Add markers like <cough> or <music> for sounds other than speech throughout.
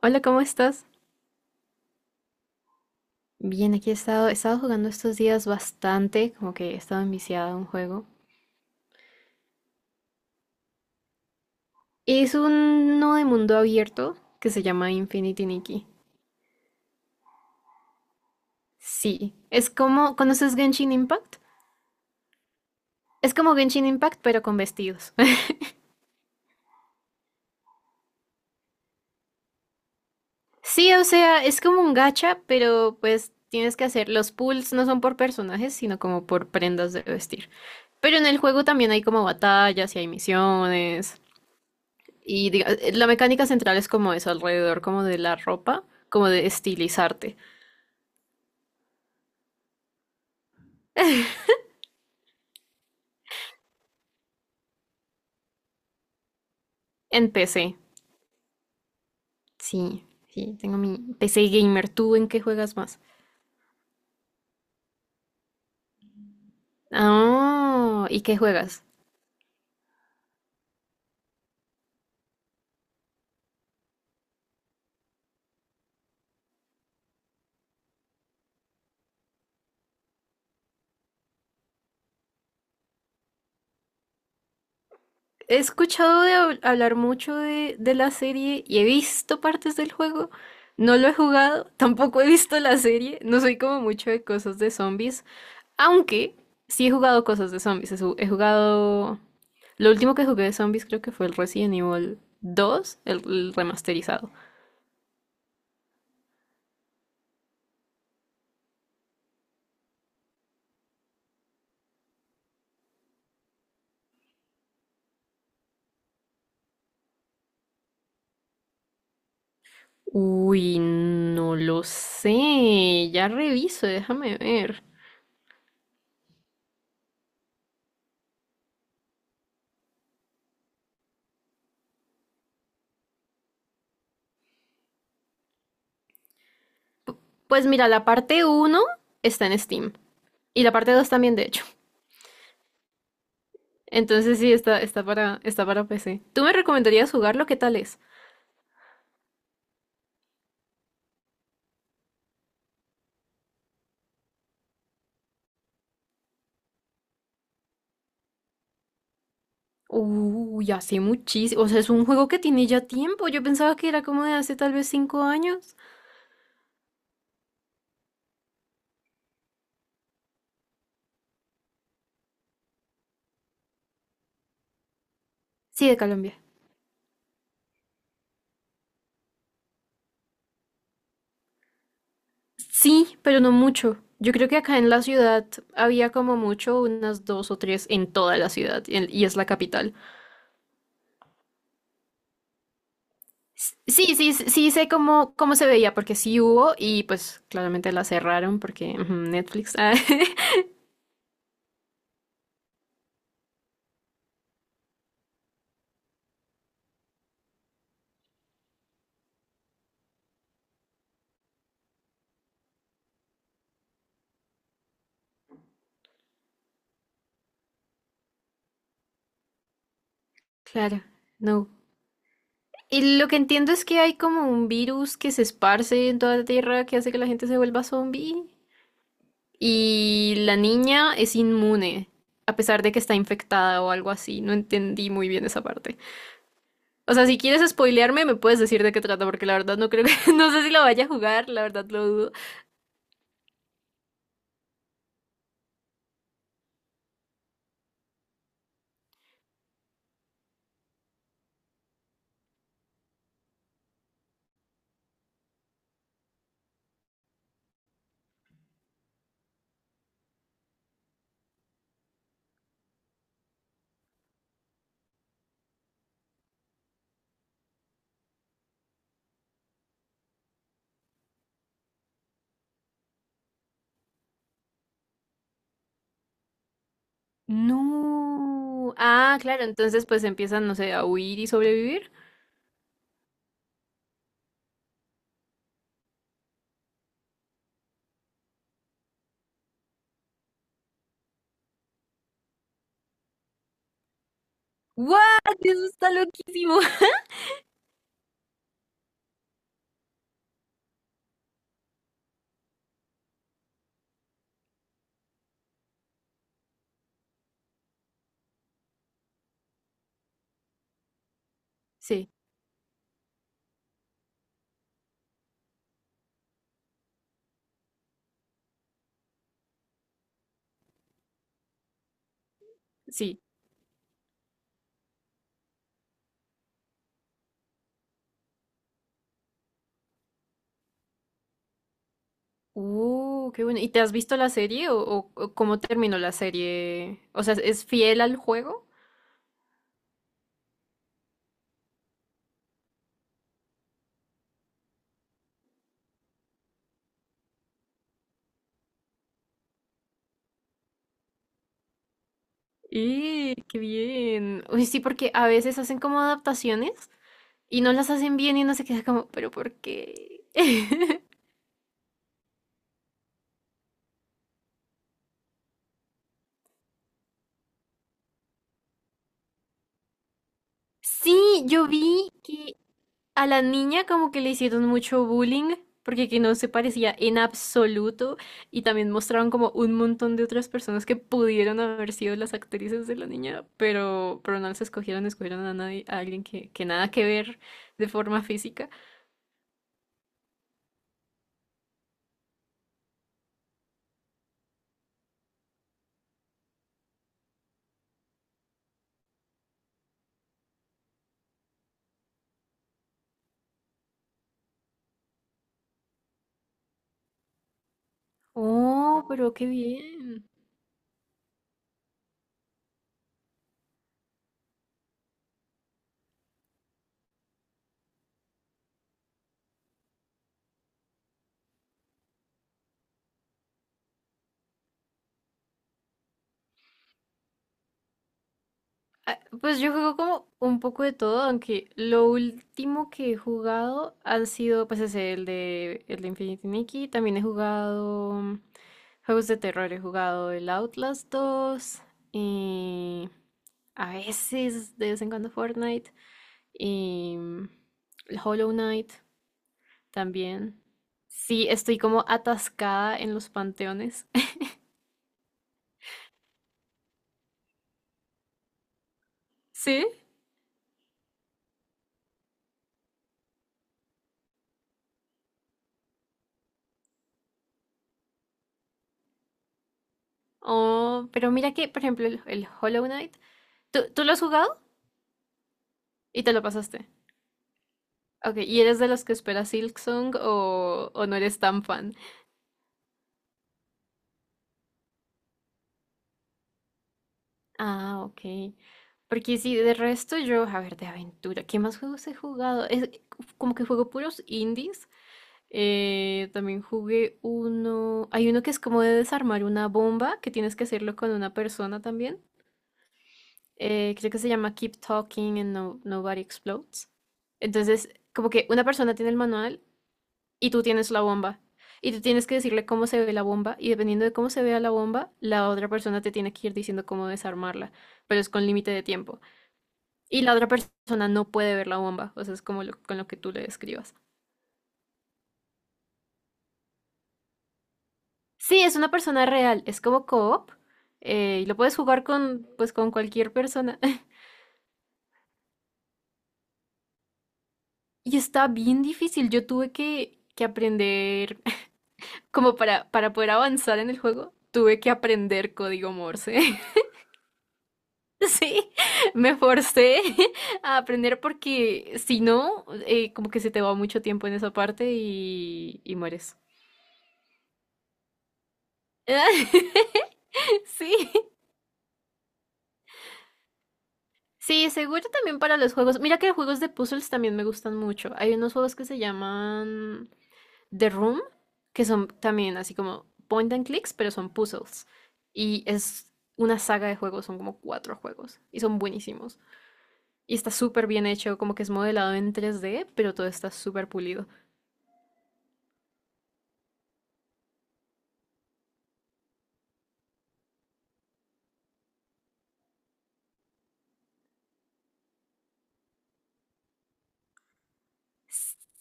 Hola, ¿cómo estás? Bien, aquí he estado jugando estos días bastante, como que he estado enviciada a un juego. Es uno de mundo abierto que se llama Infinity Nikki. Sí, es como, ¿conoces Genshin Impact? Es como Genshin Impact, pero con vestidos. <laughs> Sí, o sea, es como un gacha, pero pues tienes que hacer, los pulls no son por personajes, sino como por prendas de vestir. Pero en el juego también hay como batallas y hay misiones. La mecánica central es como eso, alrededor como de la ropa, como de estilizarte. En PC. Sí, sí, tengo mi PC gamer. ¿Tú en qué juegas más? Ah, ¿y qué juegas? He escuchado de hablar mucho de la serie y he visto partes del juego. No lo he jugado, <laughs> tampoco he visto la serie. No soy como mucho de cosas de zombies. Aunque sí he jugado cosas de zombies. He jugado. Lo último que jugué de zombies creo que fue el Resident Evil 2, el remasterizado. Uy, no lo sé. Ya reviso, déjame ver. Pues mira, la parte uno está en Steam. Y la parte 2 también, de hecho. Entonces sí, está para, está para PC. ¿Tú me recomendarías jugarlo? ¿Qué tal es? Uy, hace muchísimo. O sea, es un juego que tiene ya tiempo. Yo pensaba que era como de hace tal vez 5 años. Sí, de Colombia. Sí, pero no mucho. Yo creo que acá en la ciudad había como mucho, unas dos o tres en toda la ciudad, y es la capital. Sí, sí sé cómo, cómo se veía, porque sí hubo y pues claramente la cerraron porque ujú, Netflix. Ah, <laughs> claro, no. Y lo que entiendo es que hay como un virus que se esparce en toda la tierra que hace que la gente se vuelva zombie. Y la niña es inmune, a pesar de que está infectada o algo así. No entendí muy bien esa parte. O sea, si quieres spoilearme, me puedes decir de qué trata, porque la verdad no creo que, <laughs> no sé si lo vaya a jugar, la verdad lo dudo. No. Ah, claro, entonces pues empiezan, no sé, a huir y sobrevivir. ¡What! Eso está loquísimo. <laughs> Sí, sí. Qué bueno. ¿Y te has visto la serie o cómo terminó la serie? O sea, ¿es fiel al juego? ¡Eh, qué bien! Uy, sí, porque a veces hacen como adaptaciones y no las hacen bien y no se queda como, ¿pero por qué? <laughs> Sí, yo vi que a la niña como que le hicieron mucho bullying porque que no se parecía en absoluto y también mostraron como un montón de otras personas que pudieron haber sido las actrices de la niña, pero no las escogieron, escogieron a nadie, a alguien que nada que ver de forma física. Oh, pero qué bien. Ah, pues yo juego como un poco de todo, aunque lo último que he jugado han sido, pues ese, el de Infinity Nikki. También he jugado juegos de terror, he jugado el Outlast 2 y a veces, de vez en cuando Fortnite, y el Hollow Knight también. Sí, estoy como atascada en los panteones. <laughs> ¿Sí? Oh, pero mira que, por ejemplo, el Hollow Knight. ¿Tú lo has jugado y te lo pasaste? Ok, ¿y eres de los que espera Silksong o no eres tan fan? Ah, ok. Porque sí, de resto yo, a ver, de aventura, ¿qué más juegos he jugado? Es como que juego puros indies. Eh, también jugué uno, hay uno que es como de desarmar una bomba, que tienes que hacerlo con una persona también. Eh, creo que se llama Keep Talking and Nobody Explodes. Entonces, como que una persona tiene el manual y tú tienes la bomba. Y tú tienes que decirle cómo se ve la bomba y dependiendo de cómo se vea la bomba, la otra persona te tiene que ir diciendo cómo desarmarla, pero es con límite de tiempo. Y la otra persona no puede ver la bomba, o sea, es como con lo que tú le describas. Sí, es una persona real, es como co-op. Eh, y lo puedes jugar con, pues, con cualquier persona. <laughs> Y está bien difícil, yo tuve que aprender, <laughs> como para poder avanzar en el juego, tuve que aprender código Morse. <laughs> Sí, me forcé <laughs> a aprender porque si no, como que se te va mucho tiempo en esa parte y mueres. <laughs> Sí, sí, seguro también para los juegos. Mira que juegos de puzzles también me gustan mucho. Hay unos juegos que se llaman The Room, que son también así como point and clicks, pero son puzzles. Y es una saga de juegos, son como cuatro juegos y son buenísimos. Y está súper bien hecho, como que es modelado en 3D, pero todo está súper pulido.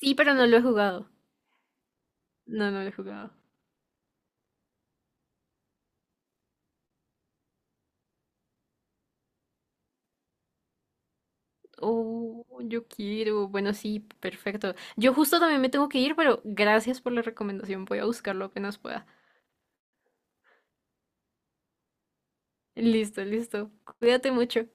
Sí, pero no lo he jugado. No, no lo he jugado. Oh, yo quiero. Bueno, sí, perfecto. Yo justo también me tengo que ir, pero gracias por la recomendación. Voy a buscarlo apenas pueda. Listo, listo. Cuídate mucho.